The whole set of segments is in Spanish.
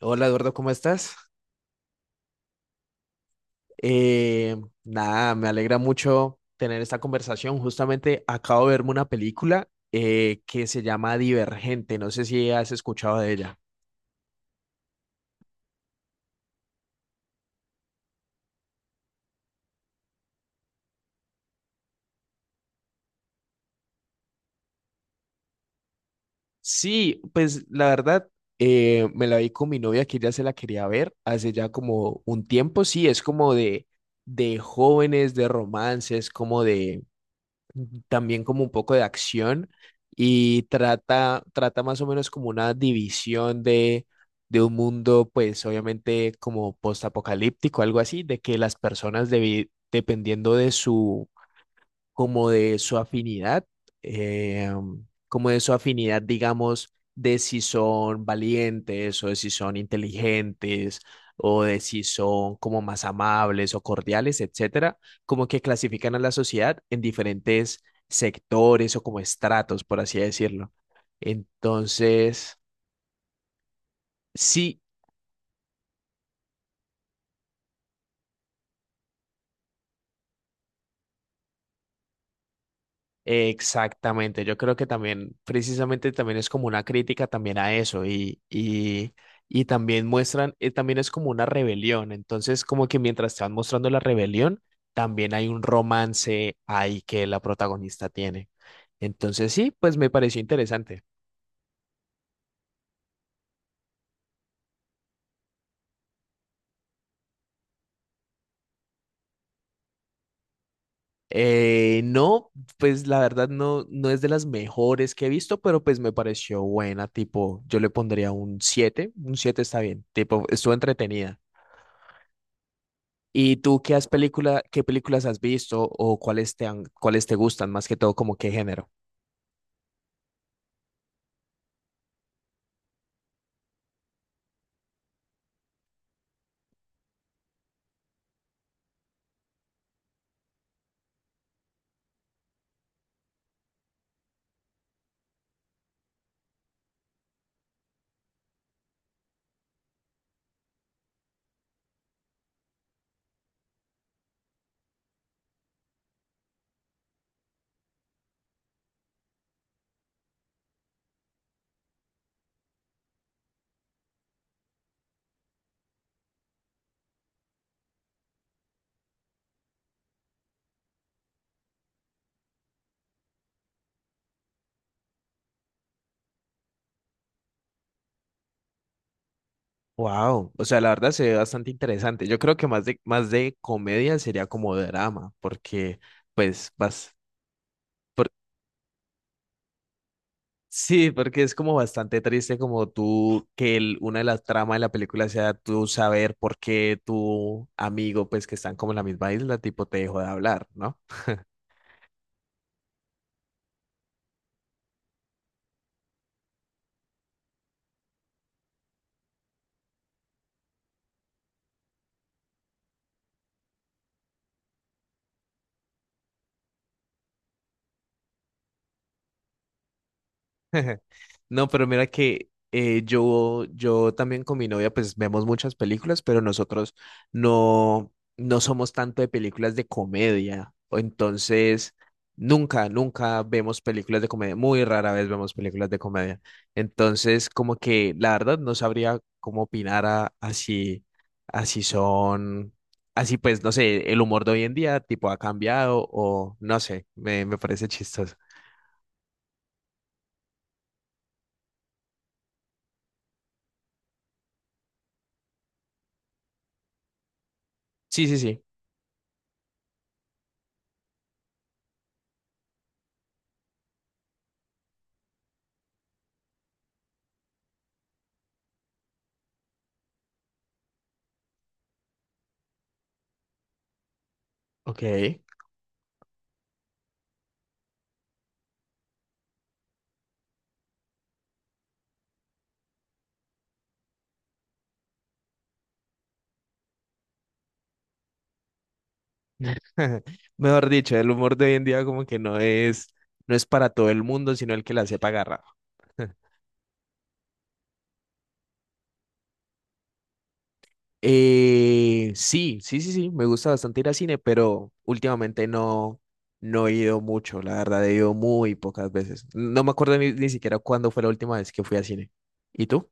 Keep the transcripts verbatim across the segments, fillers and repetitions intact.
Hola Eduardo, ¿cómo estás? Eh, nada, me alegra mucho tener esta conversación. Justamente acabo de verme una película eh, que se llama Divergente. No sé si has escuchado de ella. Sí, pues la verdad, eh, me la vi con mi novia que ella se la quería ver hace ya como un tiempo. Sí, es como de, de jóvenes, de romances, como de también como un poco de acción y trata, trata más o menos como una división de, de un mundo, pues obviamente como postapocalíptico, algo así, de que las personas debi- dependiendo de su como de su afinidad, eh, como de su afinidad, digamos, de si son valientes o de si son inteligentes o de si son como más amables o cordiales, etcétera, como que clasifican a la sociedad en diferentes sectores o como estratos, por así decirlo. Entonces, sí, exactamente, yo creo que también, precisamente también es como una crítica también a eso y, y, y también muestran, eh, también es como una rebelión, entonces como que mientras te van mostrando la rebelión, también hay un romance ahí que la protagonista tiene. Entonces sí, pues me pareció interesante. Eh, no, pues la verdad no, no es de las mejores que he visto, pero pues me pareció buena, tipo, yo le pondría un siete, un siete está bien, tipo, estuvo entretenida. ¿Y tú qué has película, qué películas has visto o cuáles te han, cuáles te gustan más que todo, como qué género? Wow, o sea, la verdad se ve bastante interesante. Yo creo que más de más de comedia sería como drama, porque pues vas por- sí, porque es como bastante triste como tú que el- una de las tramas de la película sea tú saber por qué tu amigo pues que están como en la misma isla tipo te dejó de hablar, ¿no? No, pero mira que eh, yo, yo también con mi novia pues vemos muchas películas, pero nosotros no, no somos tanto de películas de comedia. O Entonces, nunca, nunca vemos películas de comedia. Muy rara vez vemos películas de comedia. Entonces, como que la verdad no sabría cómo opinar a, a si, a si son, así pues, no sé, el humor de hoy en día tipo ha cambiado o no sé, me, me parece chistoso. Sí, sí, sí. Ok. Mejor dicho, el humor de hoy en día como que no es, no es para todo el mundo, sino el que la sepa agarrar. Eh, sí, sí, sí, sí, me gusta bastante ir al cine, pero últimamente no, no he ido mucho, la verdad, he ido muy pocas veces. No me acuerdo ni, ni siquiera cuándo fue la última vez que fui al cine. ¿Y tú?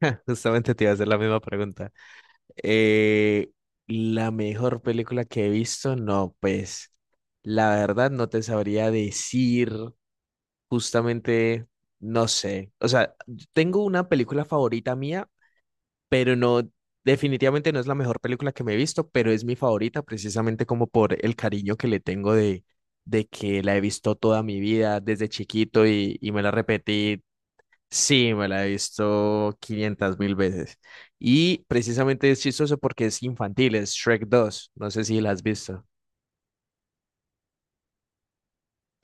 Justamente te iba a hacer la misma pregunta. Eh, la mejor película que he visto, no, pues la verdad no te sabría decir justamente, no sé, o sea, tengo una película favorita mía, pero no, definitivamente no es la mejor película que me he visto, pero es mi favorita precisamente como por el cariño que le tengo de, de que la he visto toda mi vida desde chiquito y, y me la repetí. Sí, me la he visto quinientas mil veces. Y precisamente es chistoso porque es infantil, es Shrek dos. No sé si la has visto.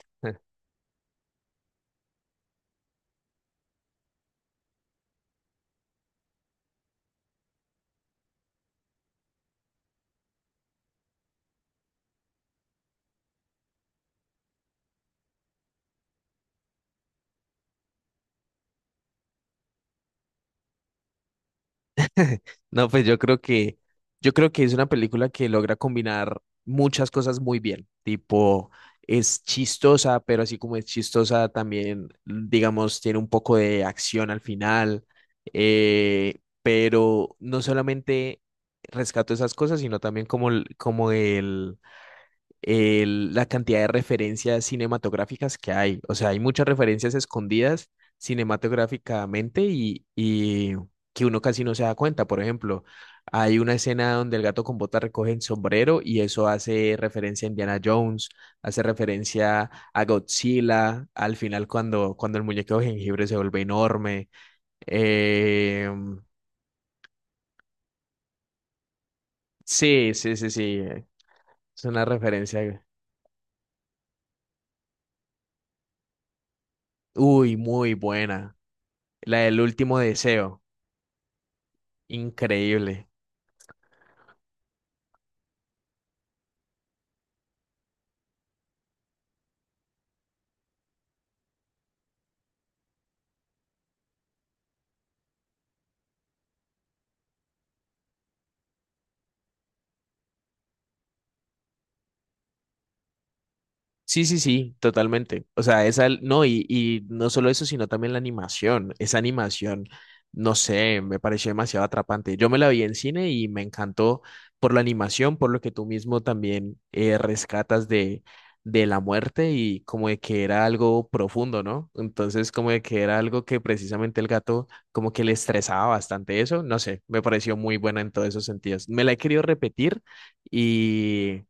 No, pues yo creo que, yo creo que es una película que logra combinar muchas cosas muy bien. Tipo, es chistosa, pero así como es chistosa, también, digamos, tiene un poco de acción al final. eh, pero no solamente rescato esas cosas, sino también como, el- como el- la cantidad de referencias cinematográficas que hay. O sea, hay muchas referencias escondidas cinematográficamente y, y que uno casi no se da cuenta. Por ejemplo, hay una escena donde el gato con botas recoge el sombrero y eso hace referencia a Indiana Jones, hace referencia a Godzilla, al final cuando, cuando el muñeco de jengibre se vuelve enorme. Eh, sí, sí, sí, sí. Es una referencia, uy, muy buena. La del último deseo. Increíble. Sí, sí, sí, totalmente. O sea, esa, no, y, y no solo eso, sino también la animación. Esa animación, no sé, me pareció demasiado atrapante. Yo me la vi en cine y me encantó por la animación, por lo que tú mismo también eh, rescatas de, de la muerte y como de que era algo profundo, ¿no? Entonces, como de que era algo que precisamente el gato como que le estresaba bastante eso. No sé, me pareció muy buena en todos esos sentidos. Me la he querido repetir y,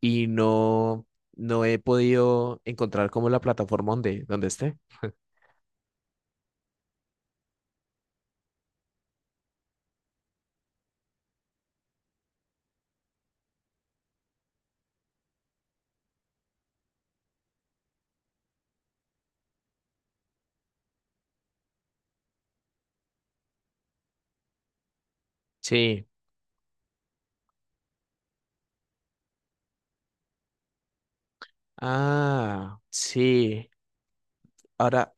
y no. No he podido encontrar como la plataforma donde, donde esté. Sí. Ah, sí. Ahora,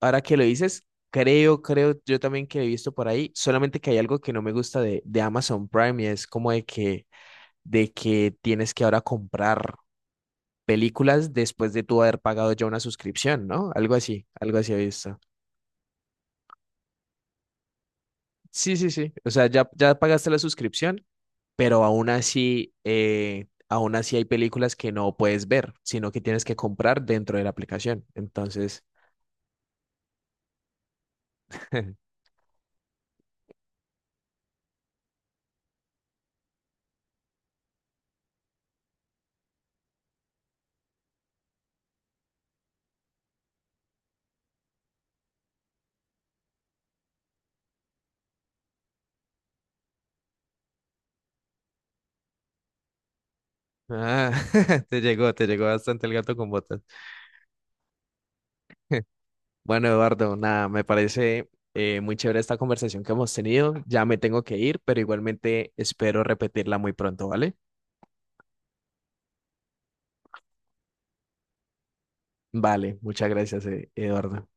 ahora que lo dices, creo, creo yo también que he visto por ahí, solamente que hay algo que no me gusta de, de Amazon Prime y es como de que, de que tienes que ahora comprar películas después de tú haber pagado ya una suscripción, ¿no? Algo así, algo así he visto. Sí, sí, sí. O sea, ya, ya pagaste la suscripción, pero aún así, eh, aún así hay películas que no puedes ver, sino que tienes que comprar dentro de la aplicación. Entonces, ah, te llegó, te llegó bastante el gato con botas. Bueno, Eduardo, nada, me parece eh, muy chévere esta conversación que hemos tenido. Ya me tengo que ir, pero igualmente espero repetirla muy pronto, ¿vale? Vale, muchas gracias, eh, Eduardo.